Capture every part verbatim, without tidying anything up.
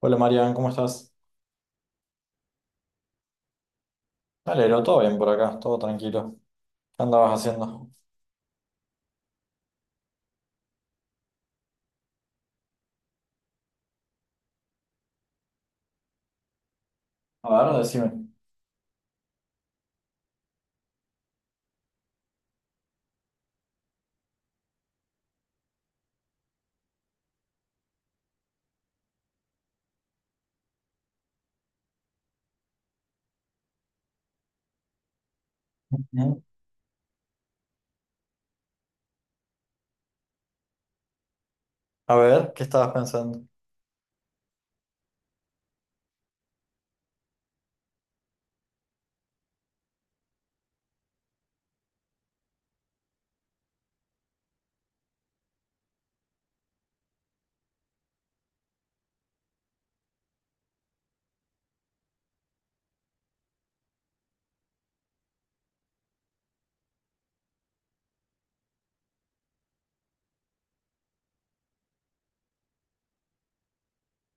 Hola Marian, ¿cómo estás? Me Todo bien por acá, todo tranquilo. ¿Qué andabas haciendo? A ver, decime. Ujú. A ver, ¿qué estabas pensando?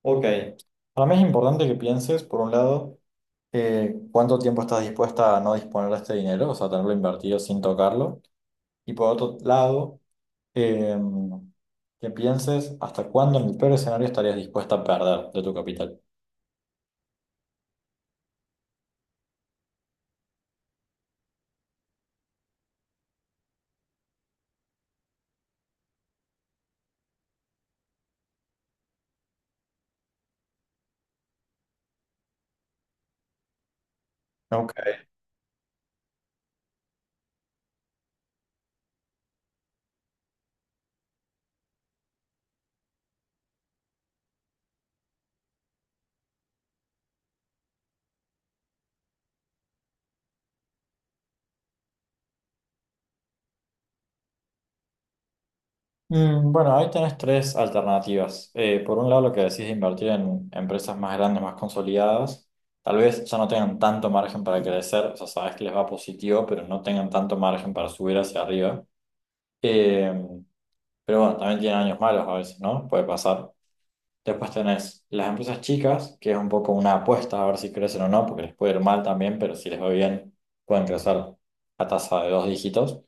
Ok. Para mí es importante que pienses, por un lado, eh, cuánto tiempo estás dispuesta a no disponer de este dinero, o sea, tenerlo invertido sin tocarlo. Y por otro lado, eh, que pienses hasta cuándo en el peor escenario estarías dispuesta a perder de tu capital. Ok. Mm, Bueno, ahí tenés tres alternativas. Eh, por un lado, lo que decís de invertir en empresas más grandes, más consolidadas, tal vez ya no tengan tanto margen para crecer, o sea, sabes que les va positivo, pero no tengan tanto margen para subir hacia arriba. Eh, pero bueno, también tienen años malos a veces, ¿no? Puede pasar. Después tenés las empresas chicas, que es un poco una apuesta a ver si crecen o no, porque les puede ir mal también, pero si les va bien, pueden crecer a tasa de dos dígitos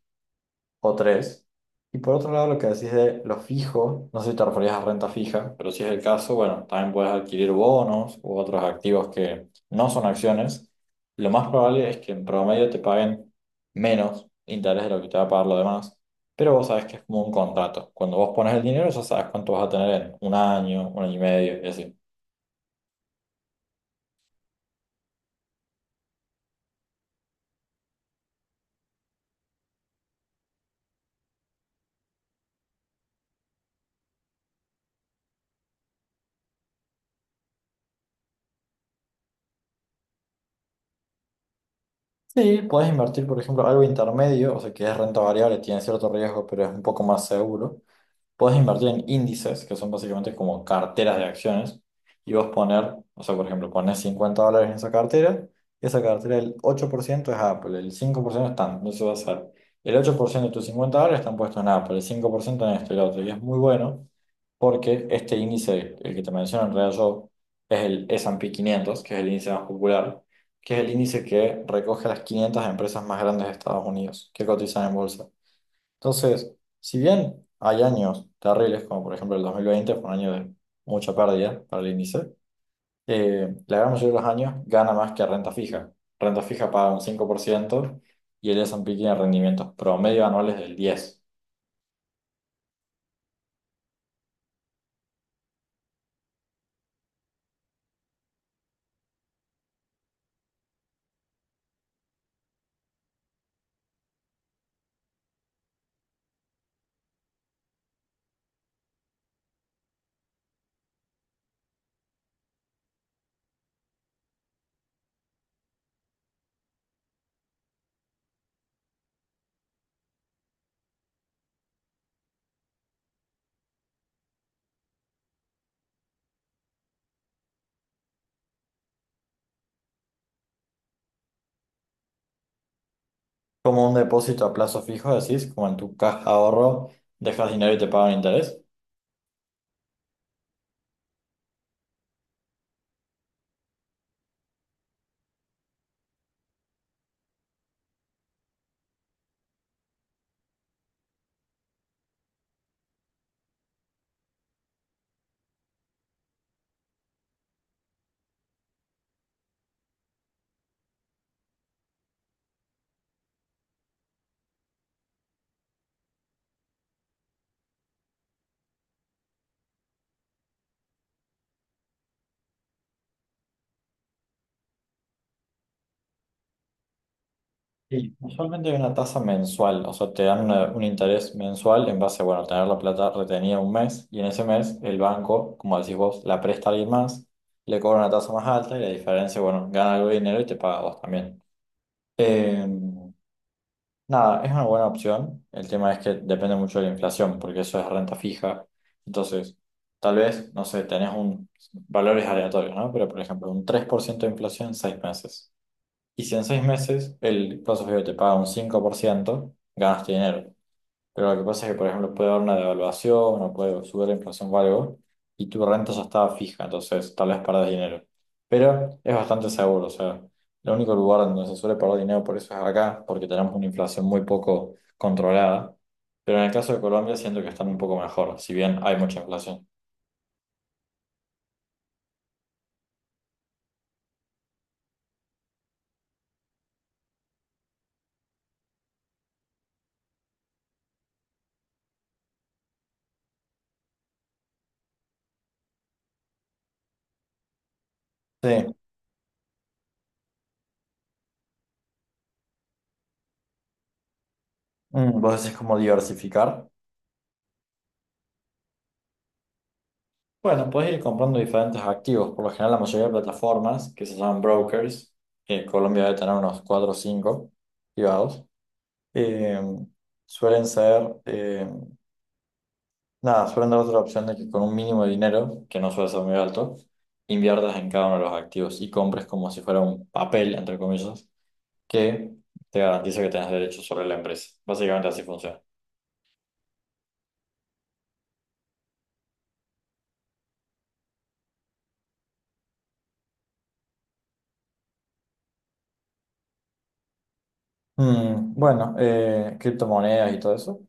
o tres. Y por otro lado, lo que decís de lo fijo, no sé si te referías a renta fija, pero si es el caso, bueno, también puedes adquirir bonos u otros activos que no son acciones. Lo más probable es que en promedio te paguen menos interés de lo que te va a pagar lo demás, pero vos sabés que es como un contrato. Cuando vos pones el dinero, ya sabes cuánto vas a tener en un año, un año y medio, y así. Sí, podés invertir, por ejemplo, algo intermedio, o sea, que es renta variable, tiene cierto riesgo, pero es un poco más seguro. Podés invertir en índices, que son básicamente como carteras de acciones, y vos poner, o sea, por ejemplo, pones cincuenta dólares en esa cartera, y esa cartera el ocho por ciento es Apple, el cinco por ciento están, no se va a hacer. El ocho por ciento de tus cincuenta dólares están puestos en Apple, el cinco por ciento en esto y lo otro, y es muy bueno porque este índice, el que te menciono en realidad yo, es el S and P quinientos que es el índice más popular, que es el índice que recoge las quinientas empresas más grandes de Estados Unidos que cotizan en bolsa. Entonces, si bien hay años terribles, como por ejemplo el dos mil veinte fue un año de mucha pérdida para el índice, eh, la gran mayoría de los años gana más que renta fija. Renta fija paga un cinco por ciento y el S and P tiene rendimientos promedio anuales del diez por ciento. Como un depósito a plazo fijo, decís, como en tu caja de ahorro, dejas dinero y te pagan interés. Y usualmente hay una tasa mensual, o sea, te dan una- un interés mensual en base a, bueno, a tener la plata retenida un mes y en ese mes el banco, como decís vos, la presta a alguien más, le cobra una tasa más alta y la diferencia, bueno, gana algo de dinero y te paga a vos también. Eh, nada, es una buena opción. El tema es que depende mucho de la inflación, porque eso es renta fija. Entonces, tal vez, no sé, tenés un, valores aleatorios, ¿no? Pero, por ejemplo, un tres por ciento de inflación en seis meses. Y si en seis meses el plazo fijo te paga un cinco por ciento ganas tu dinero. Pero lo que pasa es que, por ejemplo, puede haber una devaluación o puede subir la inflación o algo, y tu renta ya estaba fija, entonces tal vez perdés dinero. Pero es bastante seguro, o sea, el único lugar donde se suele perder dinero por eso es acá, porque tenemos una inflación muy poco controlada. Pero en el caso de Colombia siento que están un poco mejor, si bien hay mucha inflación. Sí, Mm, vos decís como diversificar. Bueno, puedes ir comprando diferentes activos. Por lo general, la mayoría de plataformas que se llaman brokers, que en Colombia debe tener unos cuatro o cinco privados, eh, suelen ser, eh, nada, suelen dar otra opción de que con un mínimo de dinero, que no suele ser muy alto, inviertas en cada uno de los activos y compres como si fuera un papel, entre comillas, que te garantiza que tengas derechos sobre la empresa. Básicamente así funciona. Mm, bueno, eh, criptomonedas y todo eso.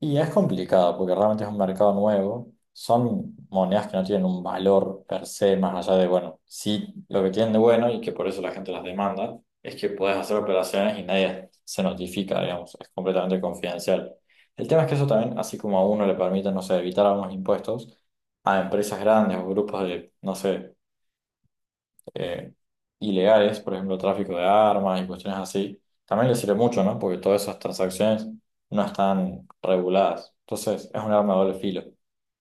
Y es complicado porque realmente es un mercado nuevo. Son monedas que no tienen un valor per se, más allá de, bueno, sí, lo que tienen de bueno y que por eso la gente las demanda, es que puedes hacer operaciones y nadie se notifica, digamos, es completamente confidencial. El tema es que eso también, así como a uno le permite, no sé, evitar algunos impuestos, a empresas grandes o grupos de, no sé, eh, ilegales, por ejemplo, tráfico de armas y cuestiones así, también le sirve mucho, ¿no? Porque todas esas transacciones no están reguladas. Entonces, es un arma de doble filo.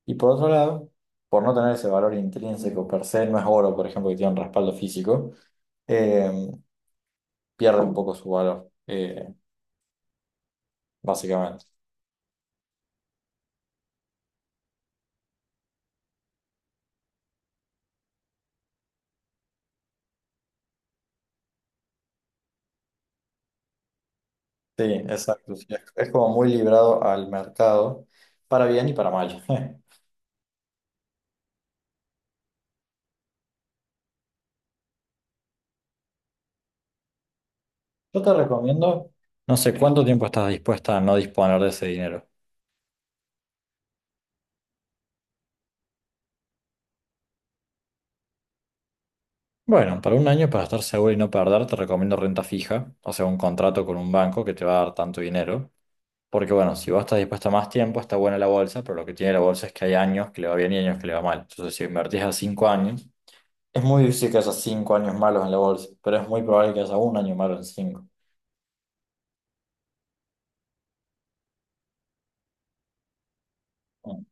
Y por otro lado, por no tener ese valor intrínseco per se, no es oro, por ejemplo, que tiene un respaldo físico, eh, pierde un poco su valor, eh, básicamente. Sí, exacto. sí, Es es como muy librado al mercado, para bien y para mal. Yo te recomiendo, no sé cuánto tiempo estás dispuesta a no disponer de ese dinero. Bueno, para un año, para estar seguro y no perder, te recomiendo renta fija, o sea, un contrato con un banco que te va a dar tanto dinero. Porque bueno, si vos estás dispuesto a más tiempo, está buena la bolsa, pero lo que tiene la bolsa es que hay años que le va bien y años que le va mal. Entonces, si invertís a cinco años, es muy difícil que haya cinco años malos en la bolsa, pero es muy probable que haya un año malo en cinco. Mm.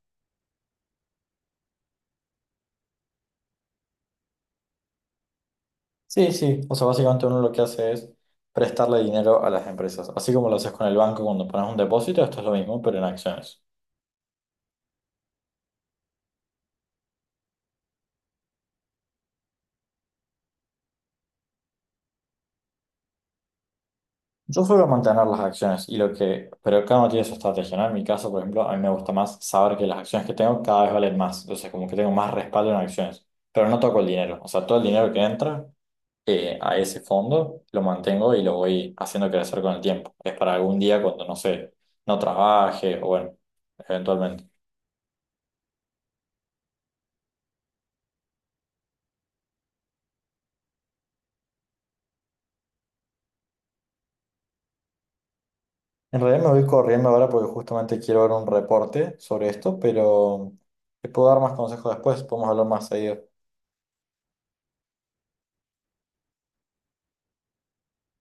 Sí, sí, o sea, básicamente uno lo que hace es prestarle dinero a las empresas, así como lo haces con el banco cuando pones un depósito, esto es lo mismo, pero en acciones. Yo suelo mantener las acciones y lo que, pero cada uno tiene su estrategia, ¿no? En mi caso, por ejemplo, a mí me gusta más saber que las acciones que tengo cada vez valen más, entonces como que tengo más respaldo en acciones, pero no toco el dinero, o sea, todo el dinero que entra eh, a ese fondo lo mantengo y lo voy haciendo crecer con el tiempo. Es para algún día cuando, no sé, no trabaje o bueno, eventualmente. En realidad me voy corriendo ahora porque justamente quiero ver un reporte sobre esto, pero te puedo dar más consejos después, podemos hablar más seguido.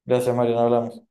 Gracias, Mario, nos hablamos.